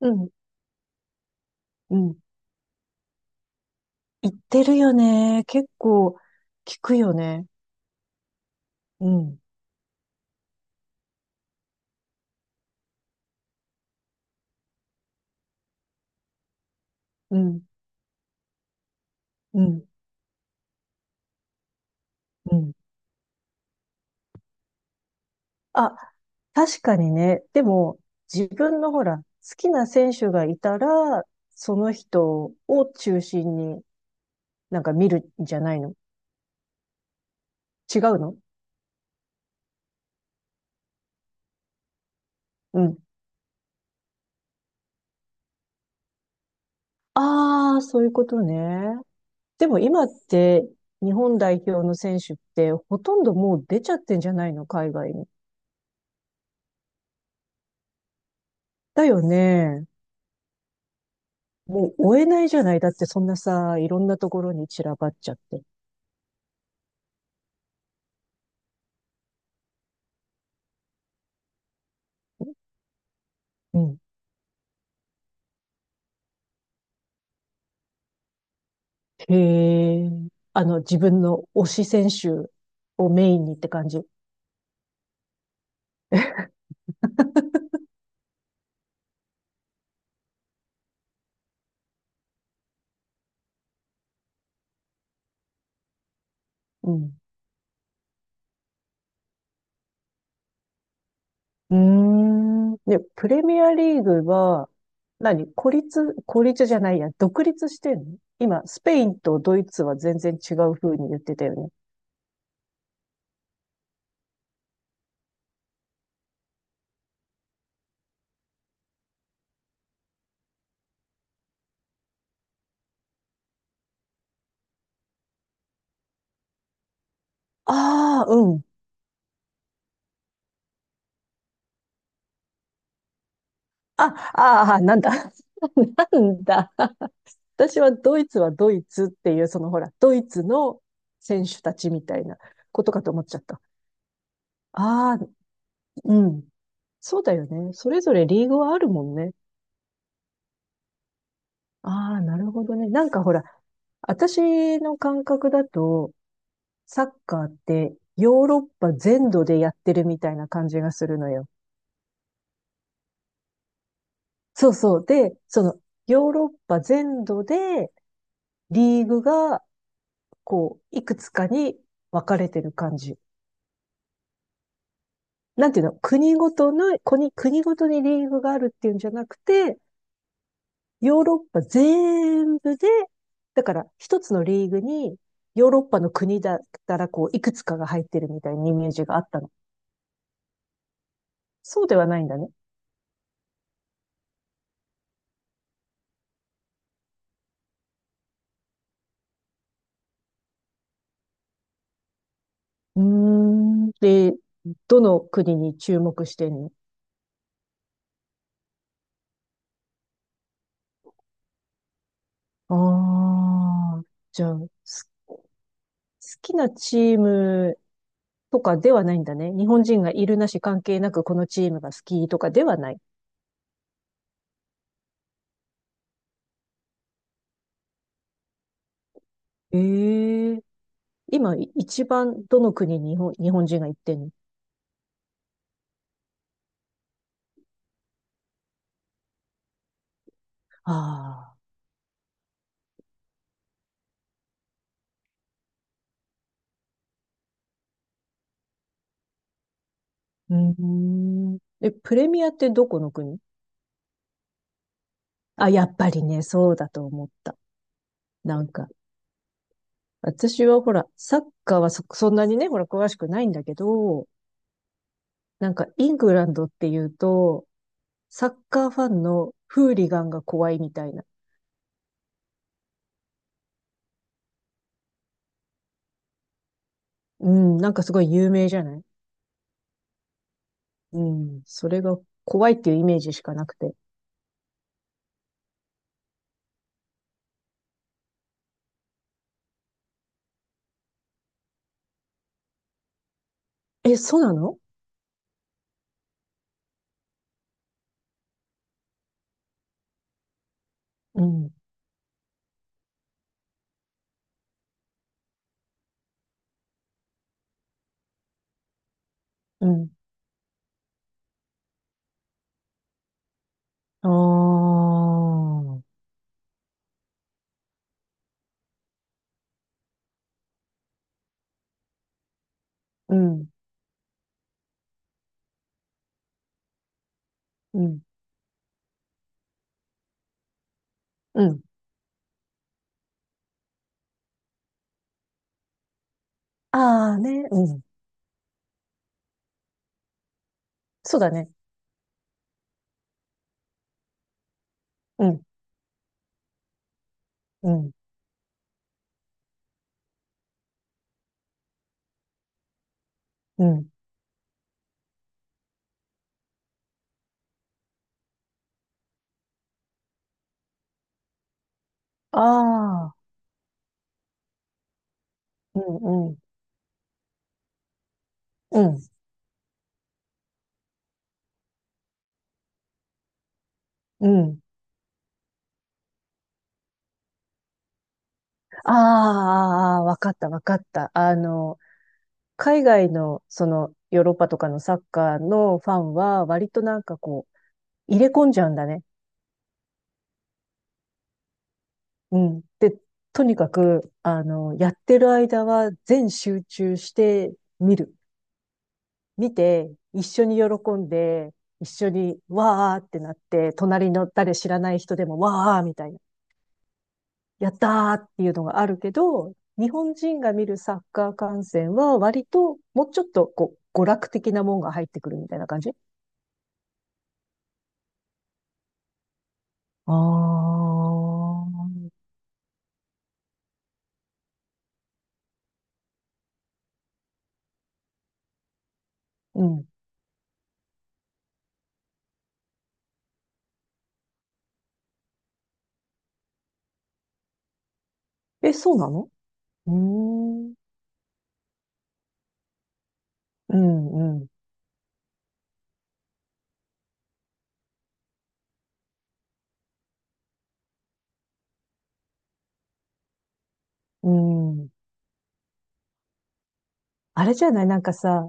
うん、うん。言ってるよね。結構聞くよね。うん、うん、うん、うん。あ、確かにね。でも、自分のほら、好きな選手がいたら、その人を中心になんか見るんじゃないの？違うの？うん。ああ、そういうことね。でも今って日本代表の選手ってほとんどもう出ちゃってんじゃないの？海外に。だよね。もう追えないじゃない。だってそんなさ、いろんなところに散らばっちゃって。うん。へえ。自分の推し選手をメインにって感じ。うん。うーん。で、プレミアリーグは、何孤立、孤立じゃないや、独立してんの今、スペインとドイツは全然違う風に言ってたよね。ああ、うん。あ、ああ、なんだ。なんだ。私はドイツはドイツっていう、ほら、ドイツの選手たちみたいなことかと思っちゃった。ああ、うん。そうだよね。それぞれリーグはあるもんね。ああ、なるほどね。なんかほら、私の感覚だと、サッカーってヨーロッパ全土でやってるみたいな感じがするのよ。そうそう。で、ヨーロッパ全土でリーグが、こう、いくつかに分かれてる感じ。なんていうの、国ごとにリーグがあるっていうんじゃなくて、ヨーロッパ全部で、だから一つのリーグにヨーロッパの国だったらこう、いくつかが入ってるみたいなイメージがあったの。そうではないんだね。うーん。で、どの国に注目してんの？ああー、じゃあ、す好きなチームとかではないんだね。日本人がいるなし関係なくこのチームが好きとかではない。ええ。今、一番どの国に日本人が行ってんの？ああー、うーん。え、プレミアってどこの国？あ、やっぱりね、そうだと思った。なんか、私はほら、サッカーはそんなにね、ほら、詳しくないんだけど、なんか、イングランドっていうと、サッカーファンのフーリガンが怖いみたいな。うん、なんかすごい有名じゃない？うん、それが怖いっていうイメージしかなくて。え、そうなの？うん、うん。ああ。うん。うん。うん。ああね。うん。そうだね。うん。うん。うん。ああ。うん。うん。うん。うん。ああ、あーあー、わかった、わかった。海外の、ヨーロッパとかのサッカーのファンは、割となんかこう、入れ込んじゃうんだね。うん。で、とにかく、やってる間は全集中して見る。見て、一緒に喜んで、一緒にわーってなって、隣の誰知らない人でもわーみたいな、やったーっていうのがあるけど、日本人が見るサッカー観戦は割ともうちょっとこう娯楽的なもんが入ってくるみたいな感じ？ああ。うん。え、そうなの？うーん。うん、うん、うん。あれじゃない？なんかさ、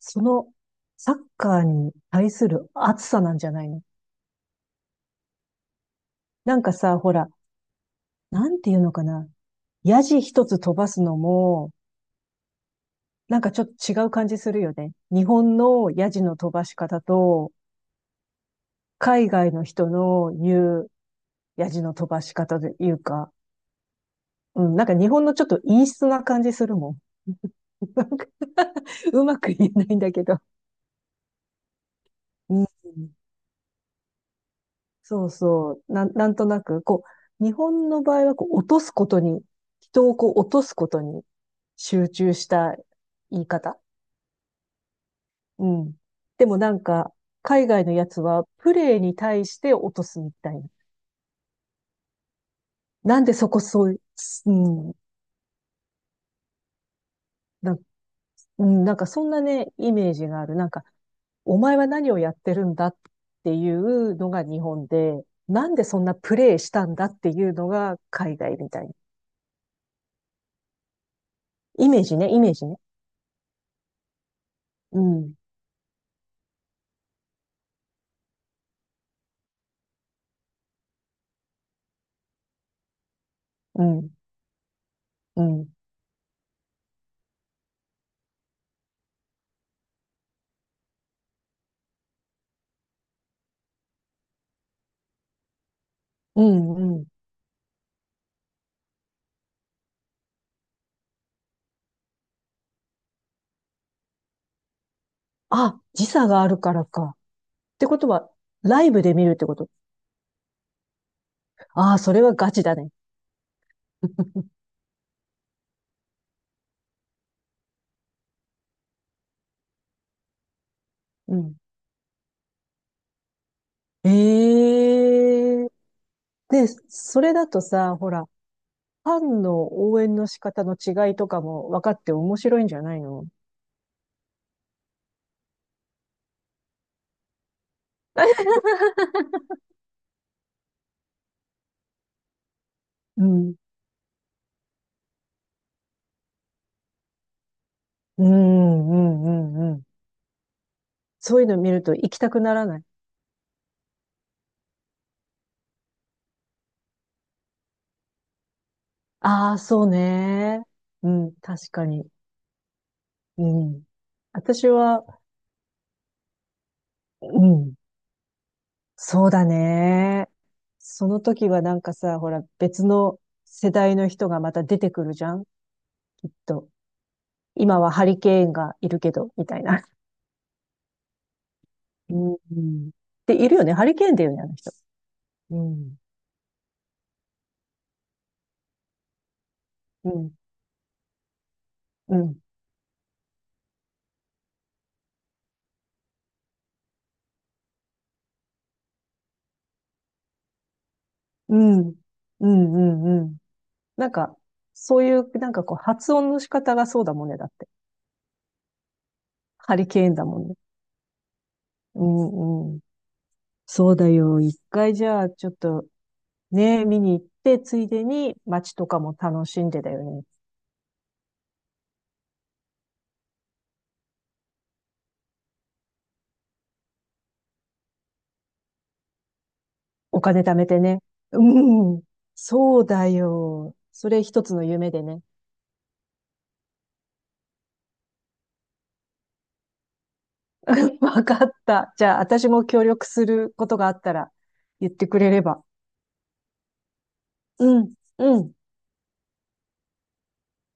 そのサッカーに対する熱さなんじゃないの？なんかさ、ほら、なんていうのかな。ヤジ一つ飛ばすのも、なんかちょっと違う感じするよね。日本のヤジの飛ばし方と、海外の人の言うヤジの飛ばし方というか、うん、なんか日本のちょっと陰湿な感じするもん。なんかうまく言えないんだけど。うん、そうそう。なんとなく、こう、日本の場合はこう落とすことに、人をこう落とすことに集中した言い方。うん。でもなんか、海外のやつは、プレイに対して落とすみたいな。なんでそこそう、うん、な、うん、なんかそんなね、イメージがある。なんか、お前は何をやってるんだっていうのが日本で、なんでそんなプレイしたんだっていうのが海外みたいな。イメージね、イメージね。うん、うん、うん、うん、うん。あ、時差があるからか。ってことは、ライブで見るってこと？ああ、それはガチだね。うん。ええ。で、それだとさ、ほら、ファンの応援の仕方の違いとかも分かって面白いんじゃないの？うん。うん、うん、うん、うん。そういうの見ると行きたくならない？ああ、そうね。うん、確かに。うん。私は、うん、そうだね。その時はなんかさ、ほら、別の世代の人がまた出てくるじゃん、きっと。今はハリケーンがいるけど、みたいな。うん。で、いるよね。ハリケーンだよね、あの人。うん。うん、うん、うん、うん、うん。うん。なんか、そういう、なんかこう、発音の仕方がそうだもんね、だって。ハリケーンだもんね。うんうん。そうだよ。一回じゃあ、ちょっと、ね、見に行って、ついでに街とかも楽しんでだよね。お金貯めてね。うん。そうだよ。それ一つの夢でね。わかった。じゃあ、私も協力することがあったら言ってくれれば。うん、うん。